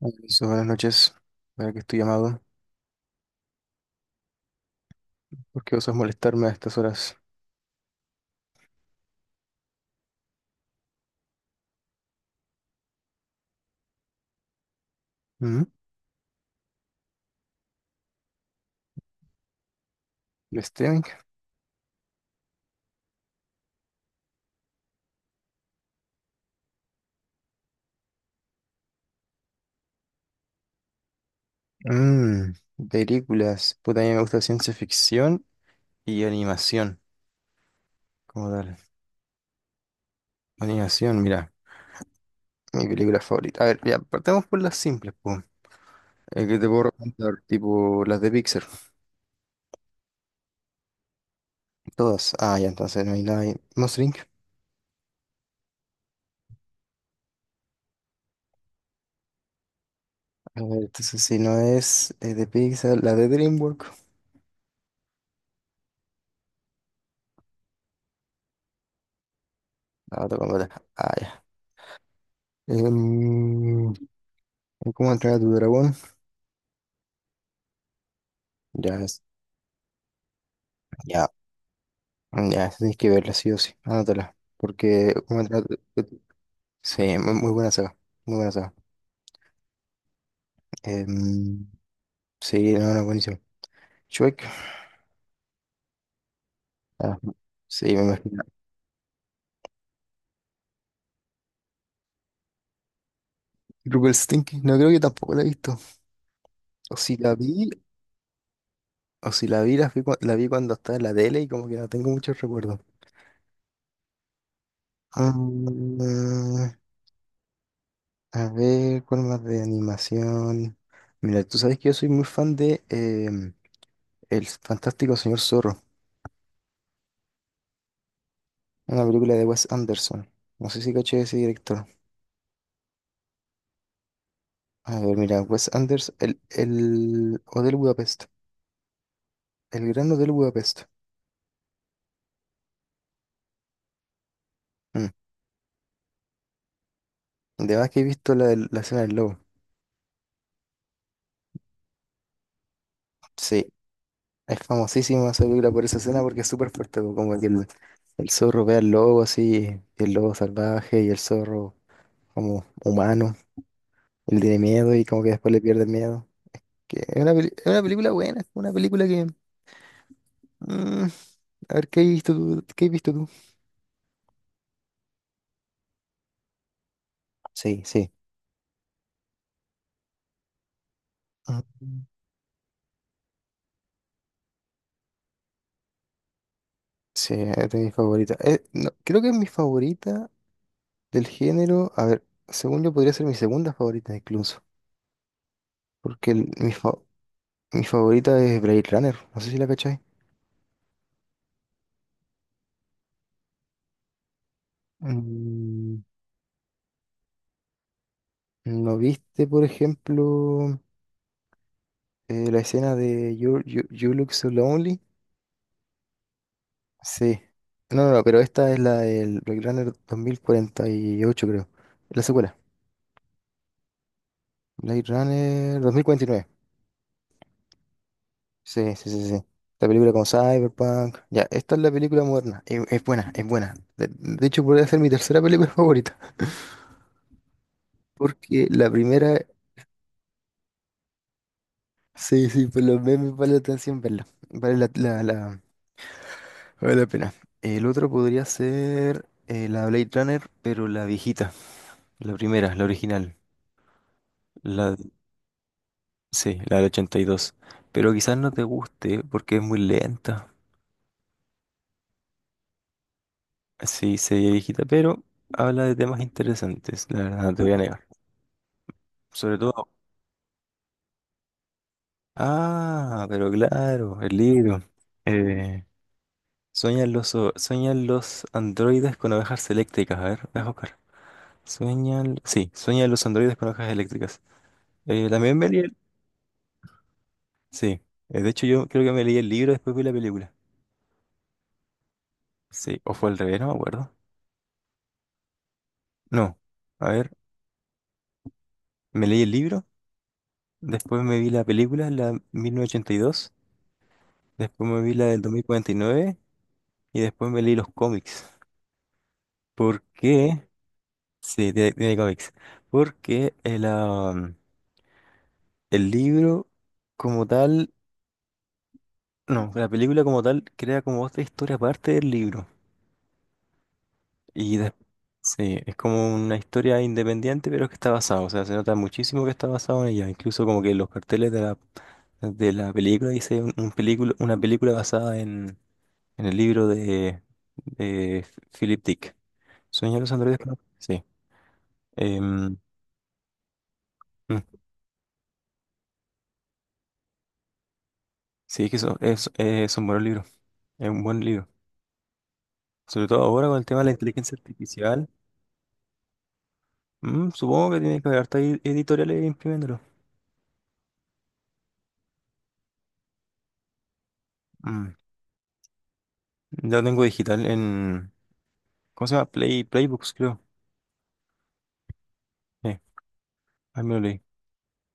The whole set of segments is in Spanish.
Alonso, buenas noches. Para que estoy llamado. ¿Por qué osas molestarme a estas horas? ¿Mm? ¿El streaming? Mm, Películas. Puta, a mí me gusta ciencia ficción y animación. ¿Cómo tal? Animación, mira. Mi película favorita. A ver, ya, partamos por las simples, pues. El que te puedo recomendar, tipo las de Pixar. Todas. Ah, ya, entonces no hay nada ahí. Monster Inc. A ver, entonces si no es de Pixar, la de DreamWorks. La otra completa. Ah, ya. Em, ¿Cómo entrar a tu dragón? Ya, ya, ya, esa tienes que verla sí o sí, anótala, porque ¿cómo entra- sí, muy, muy buena saga, muy buena saga. Em, sí, no, no, buenísimo. Shrek, ah, sí, me imagino. Rupert Stinky, no creo que tampoco la he visto, o si la vi, la vi cuando estaba en la tele y como que no tengo muchos recuerdos. Mm, a ver, ¿cuál más de animación? Mira, tú sabes que yo soy muy fan de El Fantástico Señor Zorro. Una película de Wes Anderson. No sé si caché ese director. A ver, mira, Wes Anderson, el Hotel Budapest. El Gran Hotel Budapest. Mm. De más que he visto la escena del lobo. Sí, es famosísima esa película por esa escena porque es súper fuerte, po, como que el zorro ve al lobo así, y el lobo salvaje y el zorro como humano. Él tiene miedo y como que después le pierde el miedo. Que es es una película buena, es una película que... mm, a ver, ¿qué has visto tú? ¿Qué has visto tú? Sí, sí. Mm. Sí, es de mis favoritas. No, creo que es mi favorita del género. A ver, según yo podría ser mi segunda favorita incluso. Porque mi favorita es Blade Runner. No sé si la cachai. Mm, ¿No viste, por ejemplo, la escena de You Look So Lonely? Sí. No, no, no, pero esta es la del Blade Runner 2048, creo. La secuela. Blade Runner 2049. Sí, sí, sí, sí. La película como Cyberpunk. Ya, esta es la película moderna. Es buena, es buena. De hecho, podría ser mi tercera película favorita. Porque la primera, sí, sí, por los memes vale la atención verla. Vale vale la pena. El otro podría ser la Blade Runner, pero la viejita. La primera, la original. La, sí, la del 82, pero quizás no te guste porque es muy lenta. Sí, se ve viejita, pero habla de temas interesantes, la verdad, no te voy a negar. Sobre todo, ah, pero claro, el libro. Eh, Sueñan sueñan los androides con ovejas eléctricas. A ver, déjame buscar. Sueñan, sí, sueñan los androides con ovejas eléctricas. También me leí el... Sí, de hecho yo creo que me leí el libro después vi la película. Sí, o fue al revés, no me acuerdo. No, a ver, me leí el libro, después me vi la película, la 1982, después me vi la del 2049 y después me leí los cómics. ¿Por qué? Sí, tiene cómics. Porque el libro como tal, no, la película como tal crea como otra historia aparte del libro. Y des- sí, es como una historia independiente, pero que está basada. O sea, se nota muchísimo que está basado en ella. Incluso como que los carteles de de la película dice una película basada en el libro de Philip Dick. Sueño de los androides, creo. Sí. Em, Sí, que eso, es un buen libro, es un buen libro. Sobre todo ahora con el tema de la inteligencia artificial. Supongo que tiene que haber hartas editoriales imprimiéndolo. Mm, Ya lo tengo digital en. ¿Cómo se llama? Playbooks, creo. Eh, Ahí me lo leí.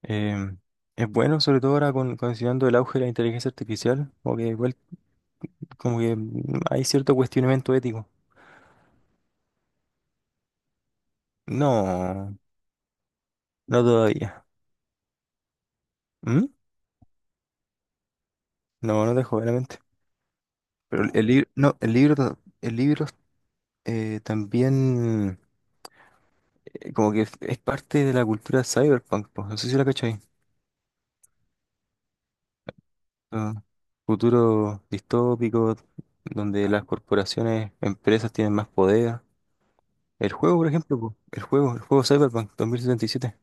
Em, es bueno, sobre todo ahora considerando el auge de la inteligencia artificial. Como que, igual- como que hay cierto cuestionamiento ético. No, no todavía. ¿Mm? No, no te jodas la mente. Pero el libro, no, el libro, el libro también. Como que es parte de la cultura cyberpunk, pues, no sé si la cachai. Ah, futuro distópico, donde las corporaciones, empresas tienen más poder. El juego, por ejemplo, po, el juego Cyberpunk 2077.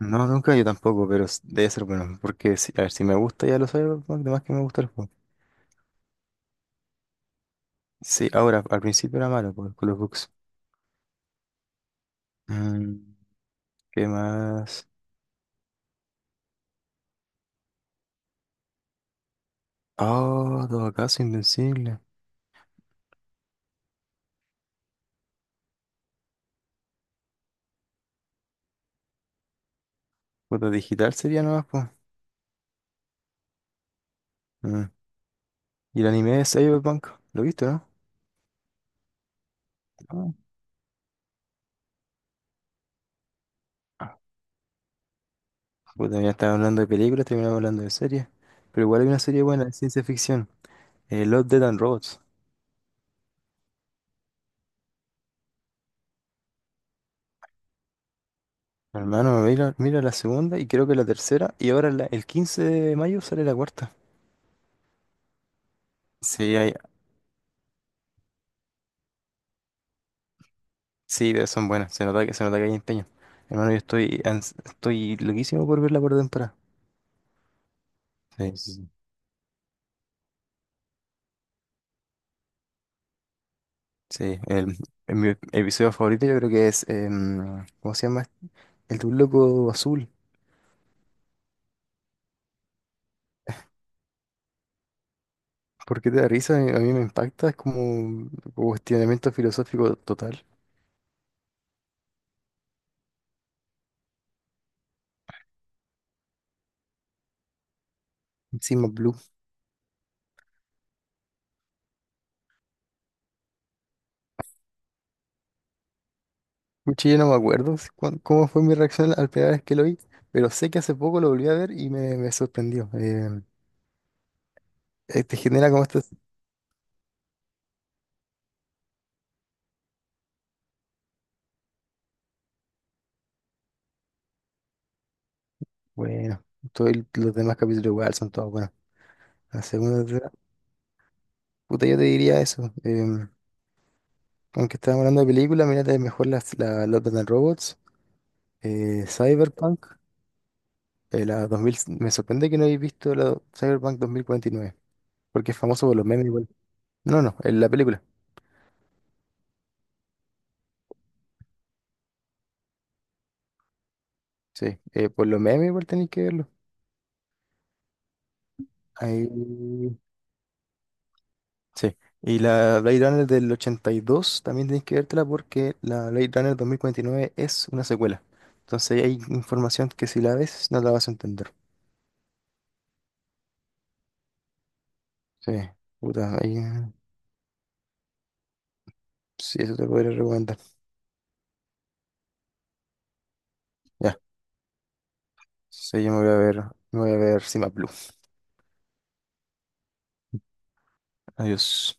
No, nunca yo tampoco, pero debe ser bueno, porque si, a ver, si me gusta ya los Cyberpunk, además que me gusta el juego. Sí, ahora, al principio era malo con los bugs. Mm, ¿Qué más? Oh, todo acaso invencible. Foto digital sería nomás, pues. Mm. Y el anime de Cyberpunk, ¿lo viste, no? Ah, puta, ya estaba hablando de películas, terminamos hablando de series. Pero igual hay una serie buena de ciencia ficción, Love, Death and Robots. Hermano, mira, mira la segunda y creo que la tercera. Y ahora el 15 de mayo sale la cuarta. Sí, hay, sí, pero son buenas. Se nota que hay empeño. Hermano, yo estoy loquísimo por ver la cuarta temporada. Sí, sí, sí. Sí, mi episodio favorito yo creo que es, ¿cómo se llama? El de un loco azul. Porque te da risa, a mí me impacta, es como un cuestionamiento filosófico total. Encima Blue. Mucho yo no me acuerdo cómo fue mi reacción al primera vez que lo vi, pero sé que hace poco lo volví a ver y me sorprendió. Te genera como estas... Bueno, todos los demás capítulos igual son todos buenos. La segunda temporada- puta, yo te diría eso. Aunque estábamos hablando de películas, mírate mejor la Love, Death and Robots, Cyberpunk, la 2000... Me sorprende que no hayáis visto la Cyberpunk 2049, porque es famoso por los memes igual. No, no, en la película. Sí, por los memes igual tenéis que verlo. Ahí... Sí. Y la Blade Runner del 82 también tenéis que vértela porque la Blade Runner 2049 es una secuela. Entonces hay información que si la ves no la vas a entender. Sí, puta, ahí, sí, eso te podría recomendar. Ya, sí, yo me voy a ver Cima Blue. Adiós.